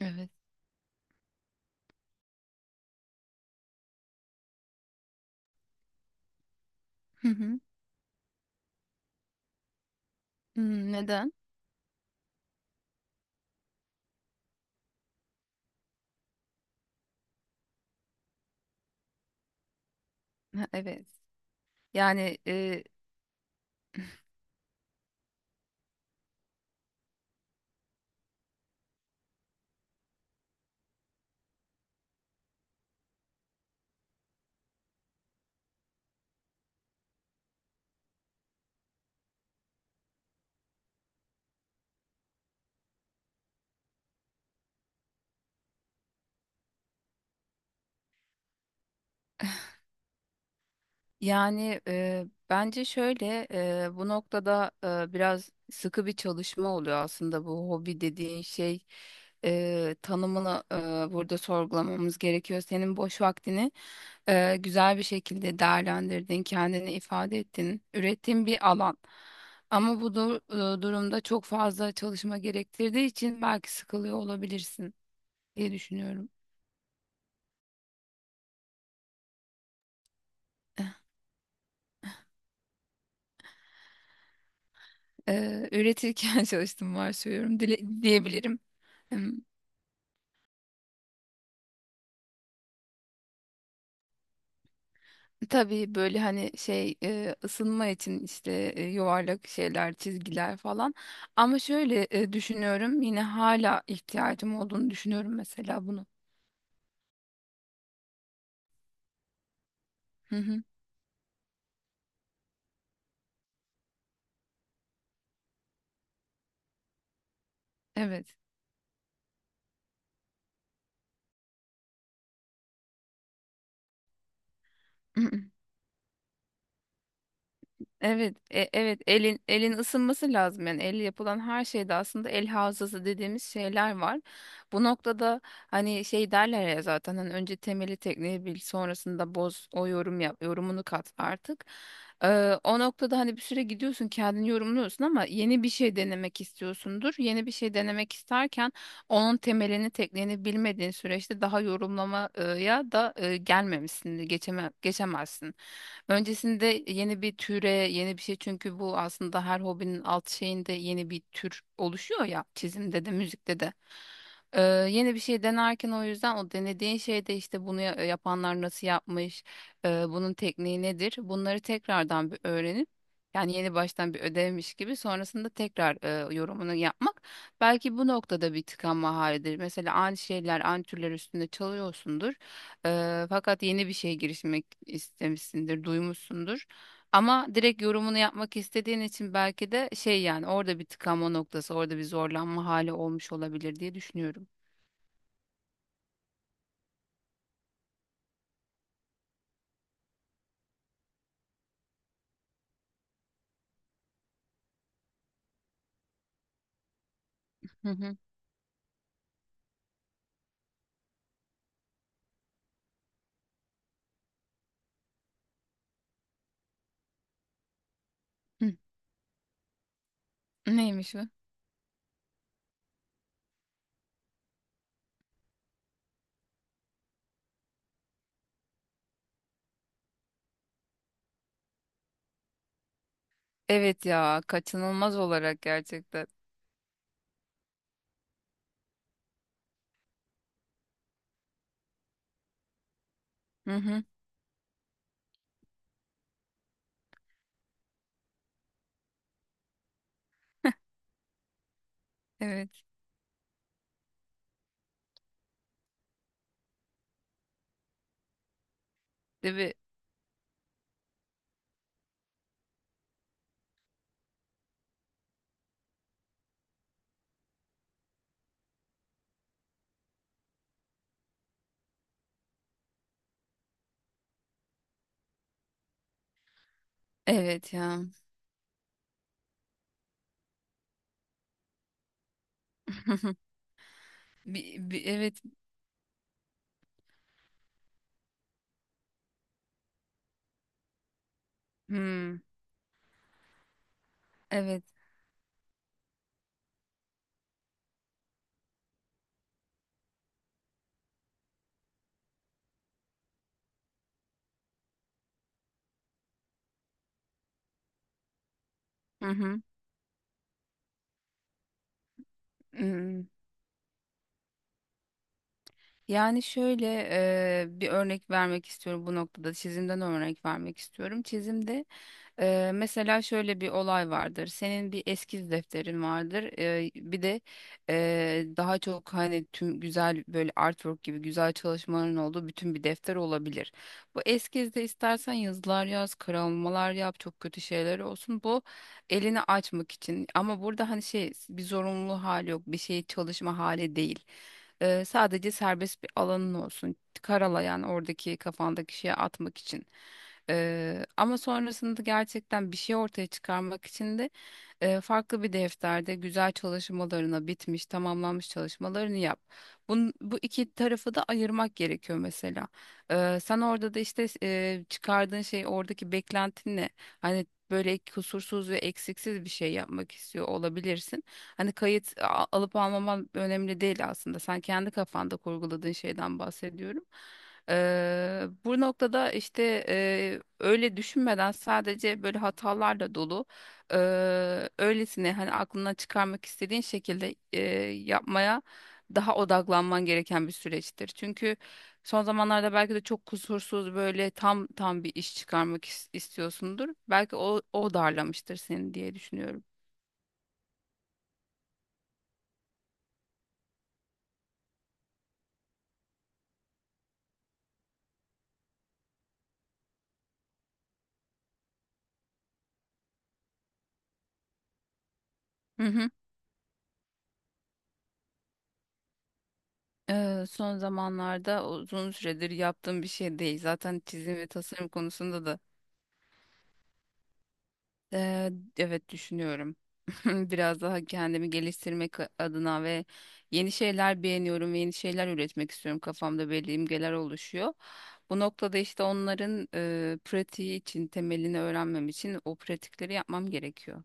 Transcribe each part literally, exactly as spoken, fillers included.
Evet. Hı hı. Hmm, neden? Ha, evet. Yani e, yani e, bence şöyle, e, bu noktada e, biraz sıkı bir çalışma oluyor aslında bu hobi dediğin şey. E, tanımını e, burada sorgulamamız gerekiyor. Senin boş vaktini e, güzel bir şekilde değerlendirdin, kendini ifade ettin, ürettiğin bir alan. Ama bu dur- e, durumda çok fazla çalışma gerektirdiği için belki sıkılıyor olabilirsin diye düşünüyorum. E, üretirken çalıştım varsayıyorum dile- diyebilirim. Em, Tabii böyle hani şey e, ısınma için işte e, yuvarlak şeyler, çizgiler falan. Ama şöyle e, düşünüyorum, yine hala ihtiyacım olduğunu düşünüyorum mesela bunu. Hı hı, evet. Evet, e- evet, elin elin ısınması lazım, yani elle yapılan her şeyde aslında el hafızası dediğimiz şeyler var. Bu noktada hani şey derler ya, zaten hani önce temeli tekniği bil, sonrasında boz o yorum yap, yorumunu kat artık. Ee, o noktada hani bir süre gidiyorsun, kendini yorumluyorsun ama yeni bir şey denemek istiyorsundur. Yeni bir şey denemek isterken onun temelini tekniğini bilmediğin süreçte daha yorumlamaya da e, gelmemişsin, geçeme, geçemezsin. Öncesinde yeni bir türe, yeni bir şey, çünkü bu aslında her hobinin alt şeyinde yeni bir tür oluşuyor ya, çizimde de müzikte de. Ee, yeni bir şey denerken o yüzden o denediğin şeyde işte bunu ya- yapanlar nasıl yapmış, e, bunun tekniği nedir? Bunları tekrardan bir öğrenip, yani yeni baştan bir ödevmiş gibi sonrasında tekrar e, yorumunu yapmak, belki bu noktada bir tıkanma halidir. Mesela aynı şeyler, aynı türler üstünde çalıyorsundur. Eee, fakat yeni bir şeye girişmek istemişsindir, duymuşsundur. Ama direkt yorumunu yapmak istediğin için belki de şey, yani orada bir tıkanma noktası, orada bir zorlanma hali olmuş olabilir diye düşünüyorum. Hı hı. Hı. Neymiş bu? Evet ya, kaçınılmaz olarak gerçekten. Hı hı. Evet. Değil mi? Evet ya. Bir, bir- evet. Hmm. Evet. Hı hı. Hmm. Yani şöyle, eee, bir örnek vermek istiyorum bu noktada. Çizimden örnek vermek istiyorum. Çizimde, Eee, mesela şöyle bir olay vardır. Senin bir eskiz defterin vardır. Eee, bir de eee, daha çok hani tüm güzel böyle artwork gibi güzel çalışmaların olduğu bütün bir defter olabilir. Bu eskizde istersen yazılar yaz, karalamalar yap, çok kötü şeyler olsun. Bu elini açmak için. Ama burada hani şey, bir zorunlu hali yok, bir şey çalışma hali değil. Eee, sadece serbest bir alanın olsun. Karalayan oradaki kafandaki şeye atmak için. Eee, ama sonrasında gerçekten bir şey ortaya çıkarmak için de e, farklı bir defterde güzel çalışmalarına bitmiş, tamamlanmış çalışmalarını yap. Bun, bu iki tarafı da ayırmak gerekiyor mesela. E, sen orada da işte e, çıkardığın şey, oradaki beklentin ne? Hani böyle kusursuz ve eksiksiz bir şey yapmak istiyor olabilirsin. Hani kayıt a- alıp almaman önemli değil aslında. Sen kendi kafanda kurguladığın şeyden bahsediyorum. E, bu noktada işte e, öyle düşünmeden, sadece böyle hatalarla dolu, Eee, öylesine hani aklından çıkarmak istediğin şekilde eee, yapmaya daha odaklanman gereken bir süreçtir. Çünkü son zamanlarda belki de çok kusursuz, böyle tam tam bir iş çıkarmak is- istiyorsundur. Belki o, o darlamıştır seni diye düşünüyorum. Hı hı. Eee, son zamanlarda uzun süredir yaptığım bir şey değil. Zaten çizim ve tasarım konusunda da Ee, evet, düşünüyorum. Biraz daha kendimi geliştirmek adına, ve yeni şeyler beğeniyorum ve yeni şeyler üretmek istiyorum. Kafamda belli imgeler oluşuyor. Bu noktada işte onların e, pratiği için, temelini öğrenmem için o pratikleri yapmam gerekiyor.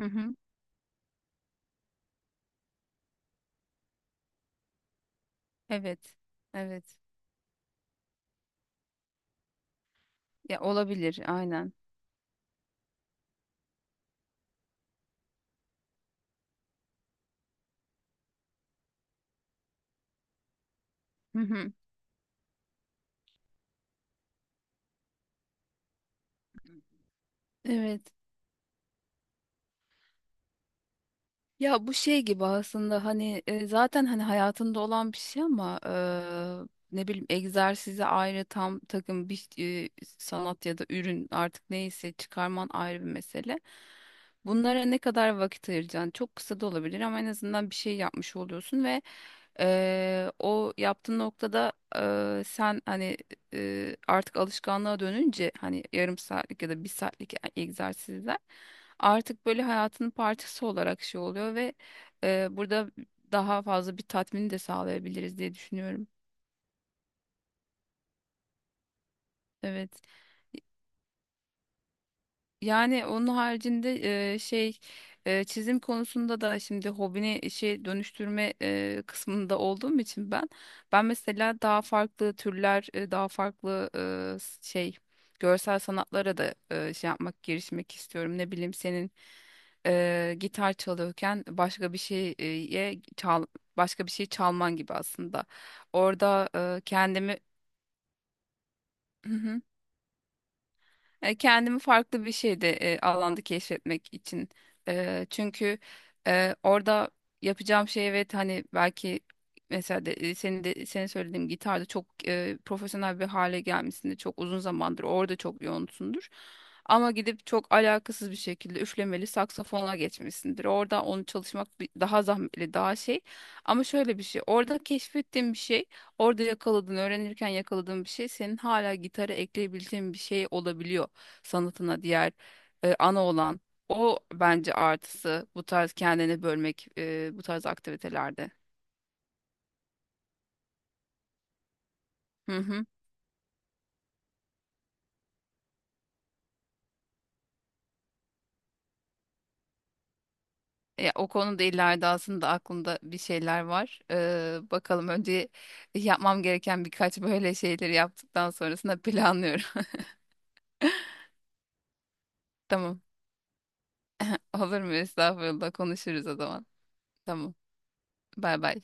Hı hı. Evet. Evet. Ya olabilir, aynen. Hı hı. Evet. Ya bu şey gibi aslında, hani e, zaten hani hayatında olan bir şey ama e, ne bileyim, egzersize ayrı, tam takım bir e, sanat ya da ürün artık neyse çıkarman ayrı bir mesele. Bunlara ne kadar vakit ayıracaksın? Çok kısa da olabilir ama en azından bir şey yapmış oluyorsun. Ve Eee, o yaptığın noktada eee, sen hani eee, artık alışkanlığa dönünce hani yarım saatlik ya da bir saatlik e, egzersizler artık böyle hayatının parçası olarak şey oluyor ve eee, burada daha fazla bir tatmini de sağlayabiliriz diye düşünüyorum. Evet. Yani onun haricinde e, şey, e, çizim konusunda da, şimdi hobini şey dönüştürme e, kısmında olduğum için ben ben mesela daha farklı türler, e, daha farklı e, s- şey, görsel sanatlara da e, şey yapmak, girişmek istiyorum. Ne bileyim, senin e, gitar çalıyorken başka bir şeye çal başka bir şey çalman gibi aslında. Orada e, kendimi E, kendimi farklı bir şeyde, e, alanda keşfetmek için. E, çünkü e, orada yapacağım şey, evet hani, belki mesela de, e, senin de, senin söylediğim gitarda çok e, profesyonel bir hale gelmesinde çok uzun zamandır orada çok yoğunsundur. Ama gidip çok alakasız bir şekilde üflemeli saksafona geçmişsindir. Orada onu çalışmak bir- daha zahmetli, daha şey. Ama şöyle bir şey, orada keşfettiğim bir şey, orada yakaladığın, öğrenirken yakaladığın bir şey senin hala gitara ekleyebileceğin bir şey olabiliyor, sanatına, diğer e, ana olan, o bence artısı bu tarz kendini bölmek, e, bu tarz aktivitelerde. Hı hı. Ya, o konuda ileride aslında aklımda bir şeyler var. Ee, bakalım, önce yapmam gereken birkaç böyle şeyleri yaptıktan sonrasında planlıyorum. Tamam. Olur mu? Estağfurullah, konuşuruz o zaman. Tamam. Bay bay.